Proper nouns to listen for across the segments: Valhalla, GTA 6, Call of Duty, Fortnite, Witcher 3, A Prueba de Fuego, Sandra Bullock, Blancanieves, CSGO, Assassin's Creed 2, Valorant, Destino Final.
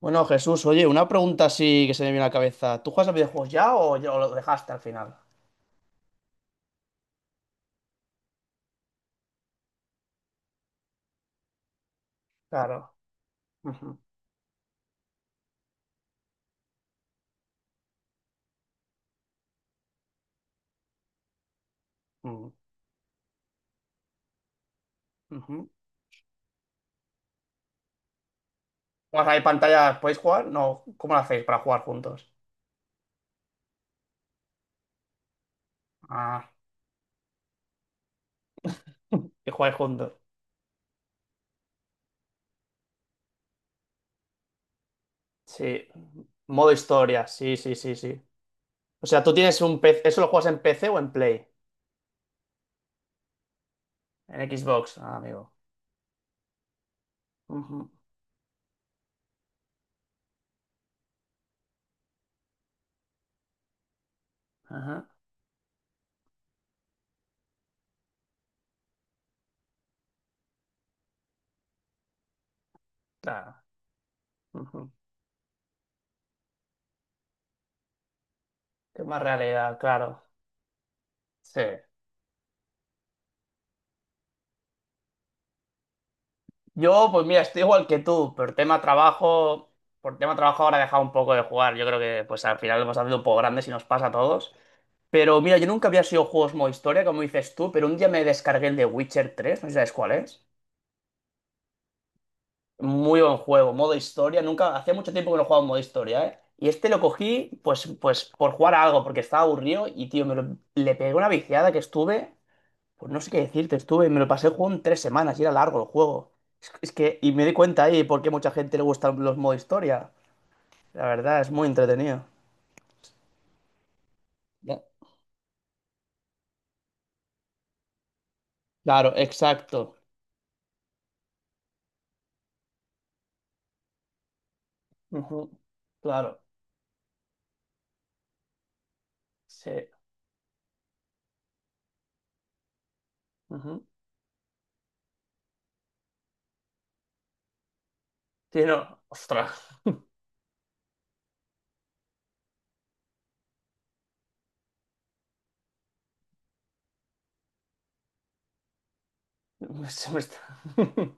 Bueno, Jesús, oye, una pregunta así que se me viene a la cabeza. ¿Tú juegas a videojuegos ya o lo dejaste al final? Claro. Ujú, ujú, ujú. ¿Juegas ahí pantalla? ¿Podéis jugar? No, ¿cómo lo hacéis para jugar juntos? Ah, que jugáis juntos. Sí. Modo historia, sí, sí, sí, sí. O sea, tú tienes un PC. ¿Eso lo juegas en PC o en Play? En Xbox, ah, amigo. Ujú, ajá, claro, ujú. Qué más realidad, claro. Sí. Yo, pues mira, estoy igual que tú, por tema trabajo, ahora he dejado un poco de jugar. Yo creo que pues al final hemos haciendo un poco grandes y nos pasa a todos. Pero mira, yo nunca había sido juegos modo historia, como dices tú, pero un día me descargué el de Witcher 3, no sé si sabes cuál es. Muy buen juego, modo historia. Nunca, hacía mucho tiempo que no jugaba en modo historia, ¿eh? Y este lo cogí, pues por jugar a algo, porque estaba aburrido y, tío, le pegué una viciada que estuve. Pues no sé qué decirte, estuve, me lo pasé el juego en tres semanas y era largo el juego. Y me di cuenta ahí por qué mucha gente le gustan los modo historia. La verdad, es muy entretenido. Ya. Claro, exacto. Ujú, claro, sí. Ujú. Sí, no, ostras. Se me está-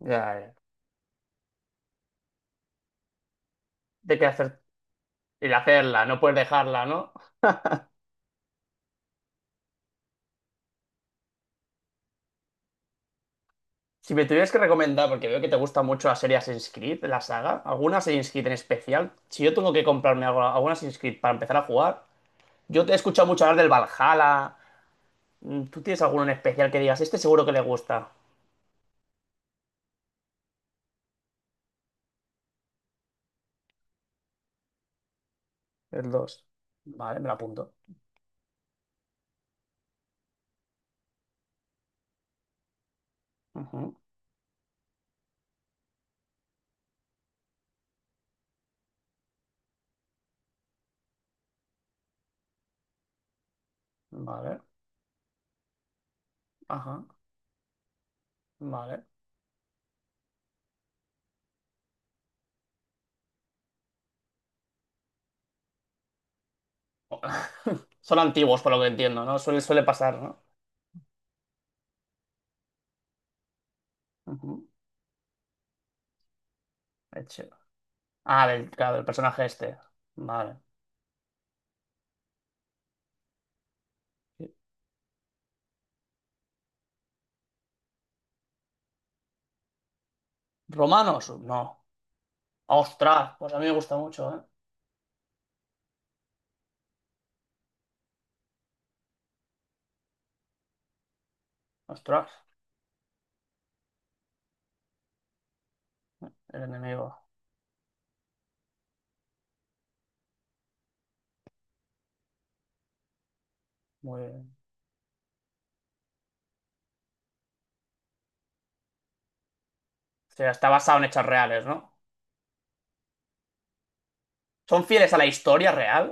Ya, ya. De que hacer. Y de hacerla, no puedes dejarla, ¿no? Si me tuvieras que recomendar, porque veo que te gusta mucho la serie Assassin's Creed, la saga, ¿alguna Assassin's Creed en especial? Si yo tengo que comprarme algo, alguna Assassin's Creed para empezar a jugar, yo te he escuchado mucho hablar del Valhalla. Mm, ¿tú tienes alguno en especial que digas, este seguro que le gusta? El dos. Vale, me lo apunto. Ujú, vale, ajá, vale. Son antiguos, por lo que entiendo, ¿no? Suele pasar, ¿no? Ujú, eche. Ah, del, claro, del personaje este. Vale. ¿Romanos? No. ¡Ostras! Pues a mí me gusta mucho, ¿eh? ¡Ostras! El enemigo. Muy bien. O sea, está basado en hechos reales, ¿no? ¿Son fieles a la historia real?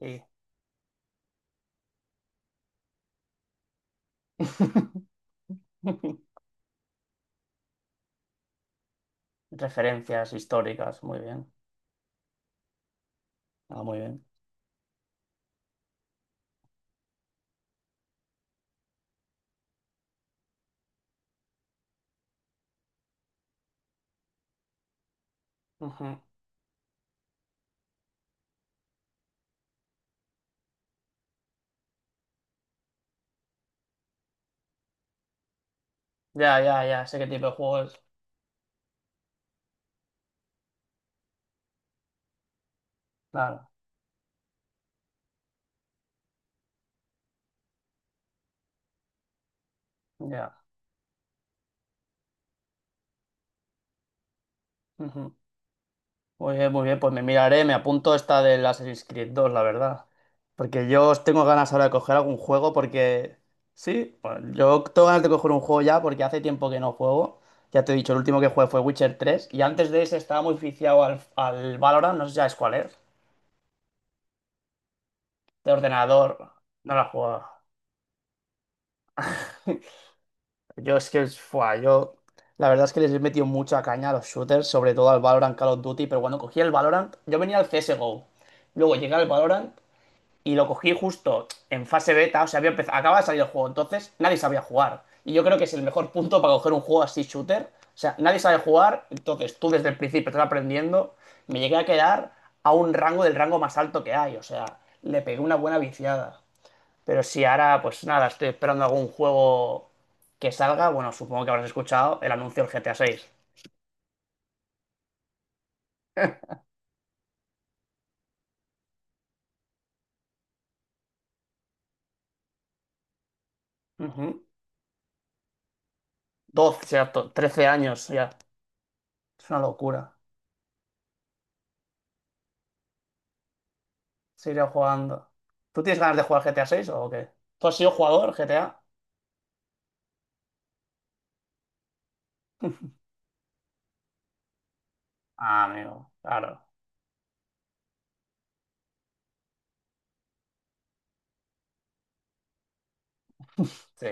Sí. Referencias históricas, muy bien. Ah, muy bien. Ujú. Ya, ya, ya, sé qué tipo de juego es. Claro, ya. Ujú. Muy bien, pues me miraré, me apunto esta del Assassin's Creed 2, la verdad. Porque yo os tengo ganas ahora de coger algún juego porque... Sí, bueno, yo tengo ganas de coger un juego ya porque hace tiempo que no juego. Ya te he dicho, el último que jugué fue Witcher 3 y antes de ese estaba muy viciado al Valorant, no sé si sabes cuál es, de ordenador. No la jugado. Yo es que, fua, yo la verdad es que les he metido mucha caña a los shooters, sobre todo al Valorant, Call of Duty, pero cuando cogí el Valorant, yo venía al CSGO, luego llegué al Valorant y lo cogí justo en fase beta, o sea, acaba de salir el juego, entonces nadie sabía jugar. Y yo creo que es el mejor punto para coger un juego así shooter, o sea, nadie sabe jugar, entonces tú desde el principio estás aprendiendo, me llegué a quedar a un rango del rango más alto que hay, o sea, le pegué una buena viciada. Pero sí, ahora, pues nada, estoy esperando algún juego que salga. Bueno, supongo que habrás escuchado el anuncio del GTA 6. 12, 13 años ya. Es una locura. Seguiré jugando. ¿Tú tienes ganas de jugar GTA 6 o qué? ¿Tú has sido jugador GTA? Ah, amigo, claro. Sí.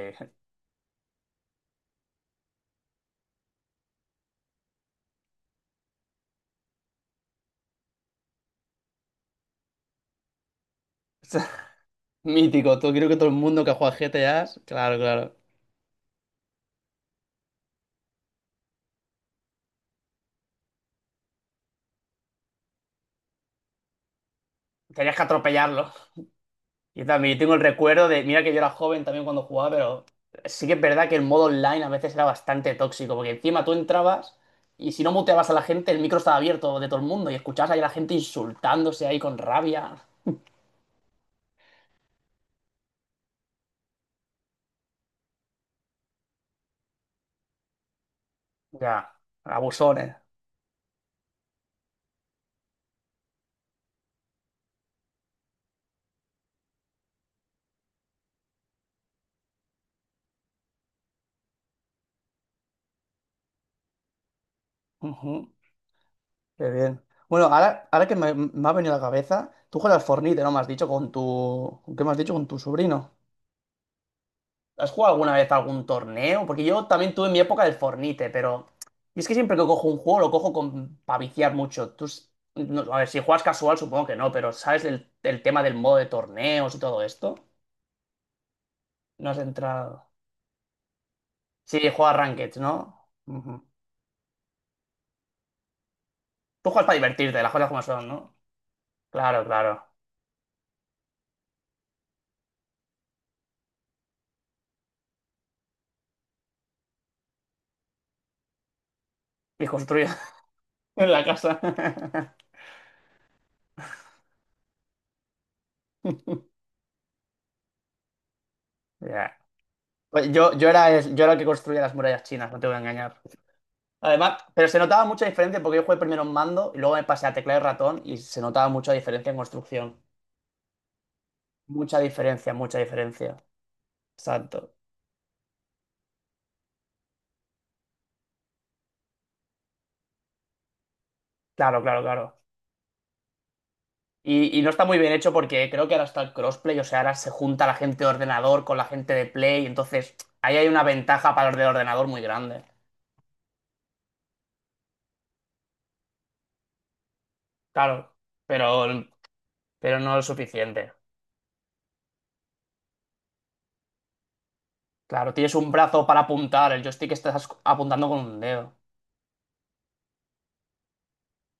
Mítico, tú creo que todo el mundo que juega GTA, claro, claro. Tenías que atropellarlo. Yo también tengo el recuerdo de, mira que yo era joven también cuando jugaba, pero sí que es verdad que el modo online a veces era bastante tóxico, porque encima tú entrabas y si no muteabas a la gente, el micro estaba abierto de todo el mundo y escuchabas ahí a la gente insultándose ahí con rabia. Ya, abusones. Ujú, qué bien. Bueno, ahora, ahora que me ha venido a la cabeza, tú juegas al Fortnite, ¿no? Me has dicho con tu... ¿Qué me has dicho? Con tu sobrino. ¿Has jugado alguna vez algún torneo? Porque yo también tuve mi época del Fornite, pero. Y es que siempre que cojo un juego lo cojo con... para viciar mucho. No, a ver, si juegas casual supongo que no, pero ¿sabes el tema del modo de torneos y todo esto? No has entrado. Sí, juegas Ranked, ¿no? Ujú. Tú juegas para divertirte, las cosas como son, ¿no? Claro, claro. Y construir en la casa. Ya. Pues yo, yo era el que construía las murallas chinas, no te voy a engañar. Además, pero se notaba mucha diferencia porque yo jugué primero en mando y luego me pasé a teclado y ratón y se notaba mucha diferencia en construcción. Mucha diferencia, mucha diferencia. Exacto. Claro, claro, claro. Y no está muy bien hecho porque creo que ahora está el crossplay, o sea, ahora se junta la gente de ordenador con la gente de Play, entonces ahí hay una ventaja para los de ordenador muy grande. Claro, pero, pero no es suficiente. Claro, tienes un brazo para apuntar, el joystick estás apuntando con un dedo.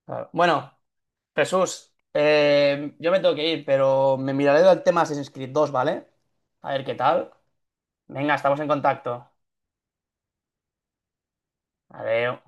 Claro. Bueno. Jesús, yo me tengo que ir, pero me miraré el tema Assassin's Creed 2, ¿vale? A ver qué tal. Venga, estamos en contacto. Adiós.